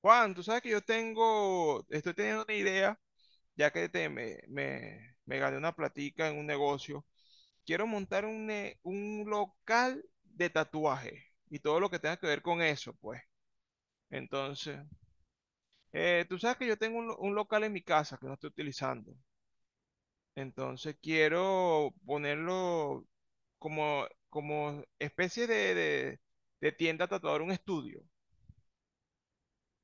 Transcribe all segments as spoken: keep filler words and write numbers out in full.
Juan, tú sabes que yo tengo, estoy teniendo una idea, ya que te, me, me, me gané una platica en un negocio. Quiero montar un, ne- un local de tatuaje y todo lo que tenga que ver con eso, pues. Entonces, eh, tú sabes que yo tengo un, lo- un local en mi casa que no estoy utilizando. Entonces, quiero ponerlo como, como especie de, de, de tienda tatuador, un estudio.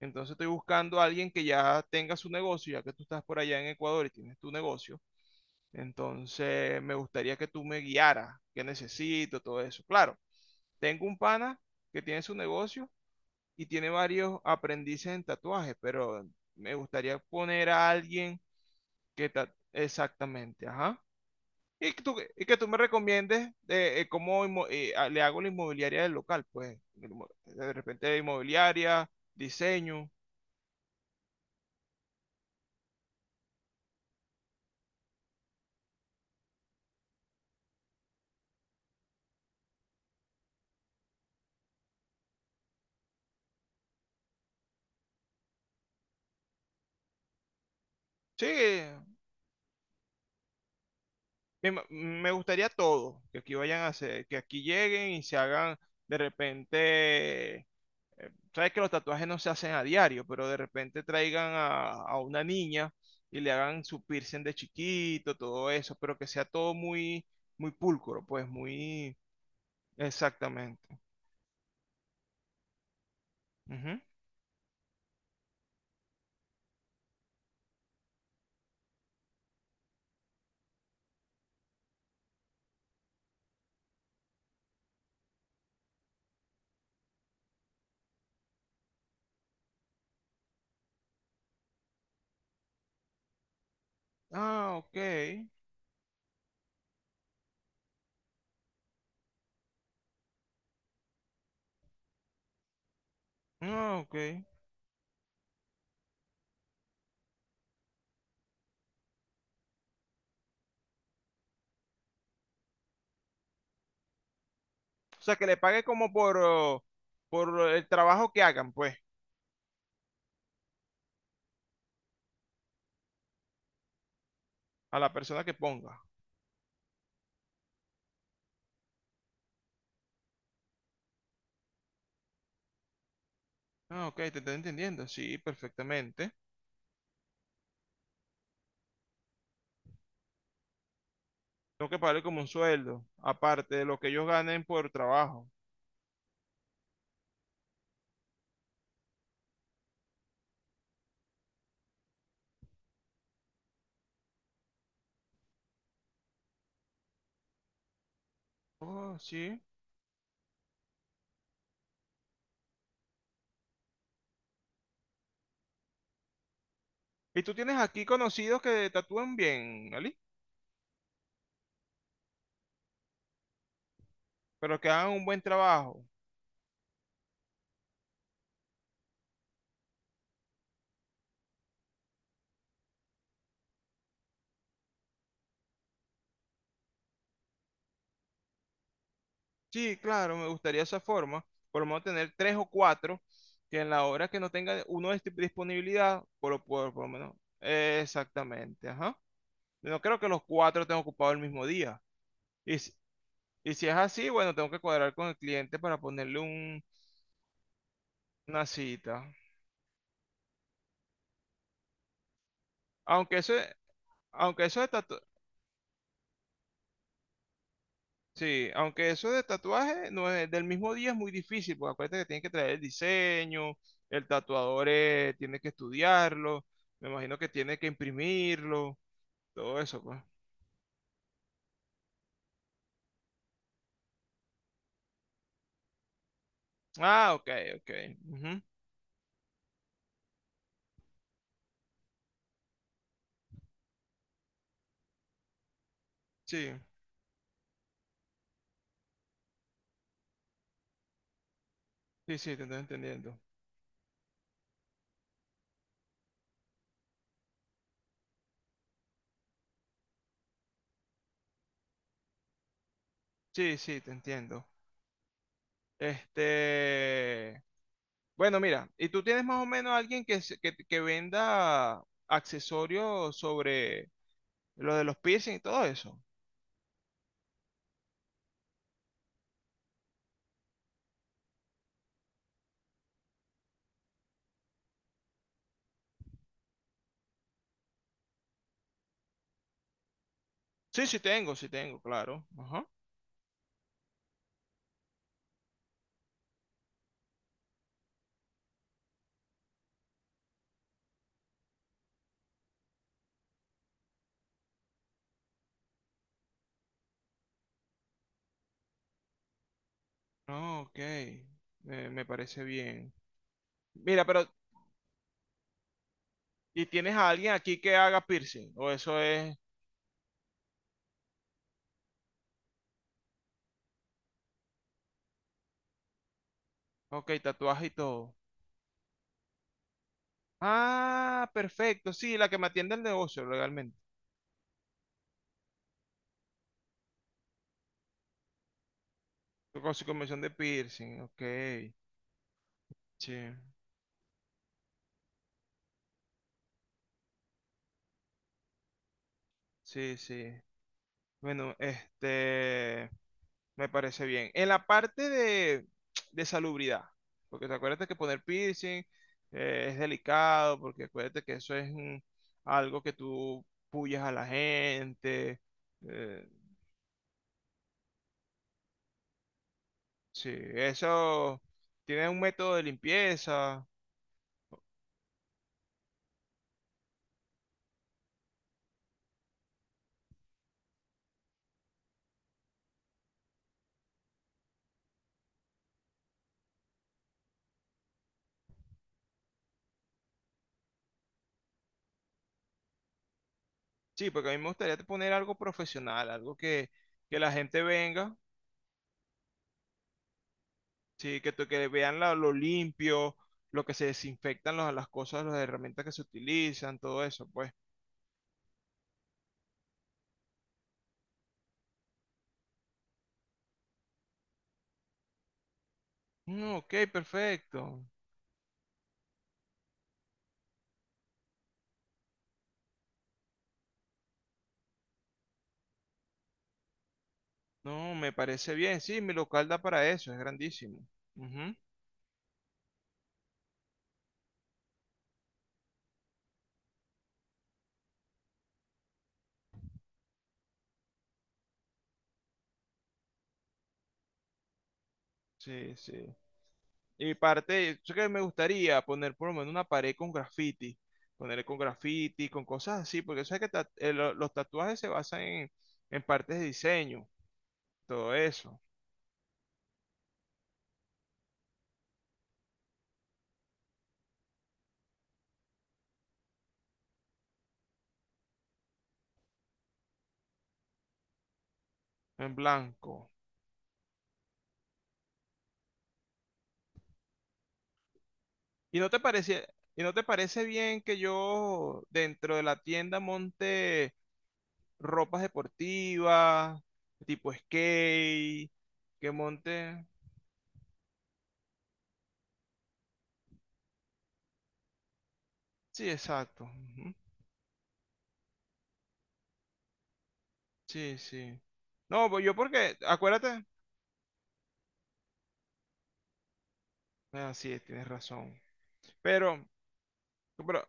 Entonces estoy buscando a alguien que ya tenga su negocio, ya que tú estás por allá en Ecuador y tienes tu negocio. Entonces me gustaría que tú me guiaras, qué necesito, todo eso. Claro, tengo un pana que tiene su negocio y tiene varios aprendices en tatuaje, pero me gustaría poner a alguien que ta- exactamente, ajá. Y que tú, y que tú me recomiendes de, eh, cómo inmo- eh, a- le hago la inmobiliaria del local, pues. De repente inmobiliaria, diseño. Sí, Me, ma- me gustaría todo, que aquí vayan a hacer, que aquí lleguen y se hagan de repente, eh, sabes que los tatuajes no se hacen a diario, pero de repente traigan a, a una niña y le hagan su piercing de chiquito, todo eso, pero que sea todo muy, muy pulcro, pues muy exactamente. Ujú. Ah, ok. Ah, ok. O sea, que le pague como por, oh, por el trabajo que hagan, pues, a la persona que ponga. Ah, ok, te estoy entendiendo, sí, perfectamente. Tengo que pagarle como un sueldo, aparte de lo que ellos ganen por trabajo. Oh, sí. Y tú tienes aquí conocidos que tatúan bien, Ali, pero que hagan un buen trabajo. Sí, claro, me gustaría esa forma. Por lo menos tener tres o cuatro que en la hora que no tenga uno de disponibilidad, por lo, por, por lo menos. eh, Exactamente, ajá. No creo que los cuatro estén ocupados el mismo día. Y, si- y si es así, bueno, tengo que cuadrar con el cliente para ponerle un, una cita. Aunque eso, aunque eso de tatu- Sí, aunque eso de tatuaje no es del mismo día es muy difícil, porque acuérdate que tienes que traer el diseño, el tatuador eh, tiene que estudiarlo, me imagino que tiene que imprimirlo, todo eso, pues. Ah, ok, ok. Ujú. Sí, sí, sí, te estoy entendiendo. Sí, sí, te entiendo. Este, bueno, mira, ¿y tú tienes más o menos alguien que, se- que, que venda accesorios sobre lo de los piercing y todo eso? Sí, sí tengo, sí tengo, claro. Ajá. No, ok. Eh, me parece bien. Mira, pero ¿y tienes a alguien aquí que haga piercing? O eso es, ok, tatuaje y todo. Ah, perfecto. Sí, la que me atiende el negocio, legalmente. Con su comisión de piercing, ok. Sí, sí, sí. Bueno, este... Me parece bien. En la parte de, de salubridad, porque te acuérdate que poner piercing eh, es delicado, porque acuérdate que eso es mm, algo que tú puyas a la gente. eh, sí, eso tiene un método de limpieza. Sí, porque a mí me gustaría poner algo profesional, algo que, que la gente venga, sí, que, tú- que vean la- lo limpio, lo que se desinfectan los- las cosas, las herramientas que se utilizan, todo eso, pues. Mm, ok, perfecto. No, me parece bien. Sí, mi local da para eso, es grandísimo. Ujú. Sí, sí. Y parte, yo que me gustaría poner por lo menos una pared con graffiti. Ponerle con graffiti, con cosas así, porque sabes que ta- eh, lo- los tatuajes se basan en, en partes de diseño, todo eso, en blanco. ¿Y no te parece, y no te parece bien que yo dentro de la tienda monte ropas deportivas, tipo skate, que monte? Sí, exacto. Ujú. Sí, sí. No, pues yo porque, acuérdate, ah, sí, tienes razón. Pero, pero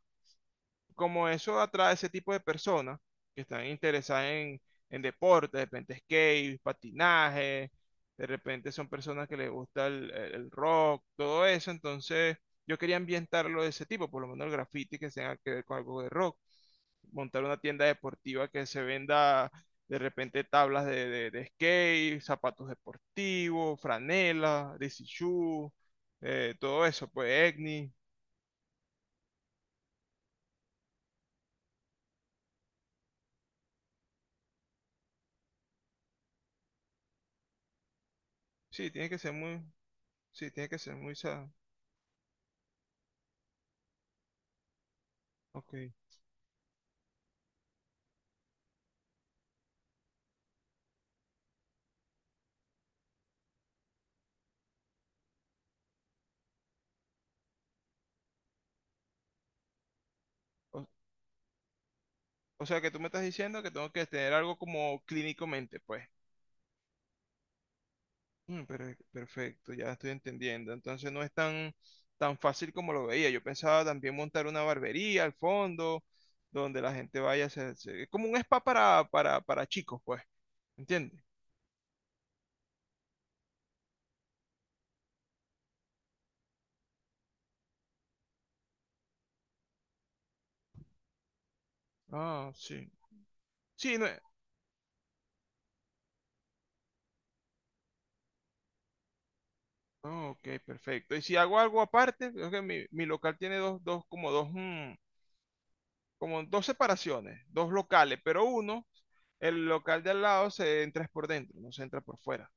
como eso atrae ese tipo de personas que están interesadas en, en deporte, de repente skate, patinaje, de repente son personas que les gusta el, el- el rock, todo eso, entonces yo quería ambientarlo de ese tipo, por lo menos el graffiti que tenga que ver con algo de rock. Montar una tienda deportiva que se venda de repente tablas de, de- de skate, zapatos deportivos, franelas, D C shoe, eh, todo eso, pues Egni. Sí, tiene que ser muy, sí, tiene que ser muy, sa- ok. O, o sea que tú me estás diciendo que tengo que tener algo como clínicamente, pues. Mm, per- Perfecto, ya estoy entendiendo. Entonces no es tan, tan fácil como lo veía. Yo pensaba también montar una barbería al fondo, donde la gente vaya a hacer- se- es como un spa para, para, para chicos, pues. ¿Entiendes? Ah, sí. Sí, no es- Ah, ok, perfecto. Y si hago algo aparte, creo que mi, mi local tiene dos, dos, como dos, mm, como dos separaciones, dos locales, pero uno, el local de al lado se entra es por dentro, no se entra por fuera.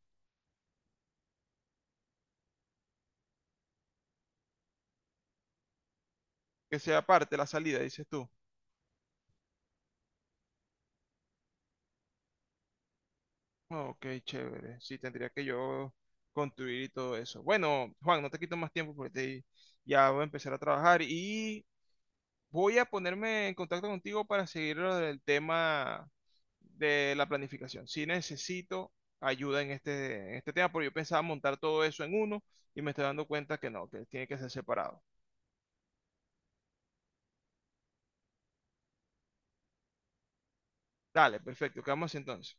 Que sea aparte la salida, dices tú. Ok, chévere. Sí, tendría que yo construir y todo eso. Bueno, Juan, no te quito más tiempo porque te- ya voy a empezar a trabajar y voy a ponerme en contacto contigo para seguir lo del tema de la planificación. Sí necesito ayuda en este, en este tema porque yo pensaba montar todo eso en uno y me estoy dando cuenta que no, que tiene que ser separado. Dale, perfecto. ¿Qué vamos a hacer entonces?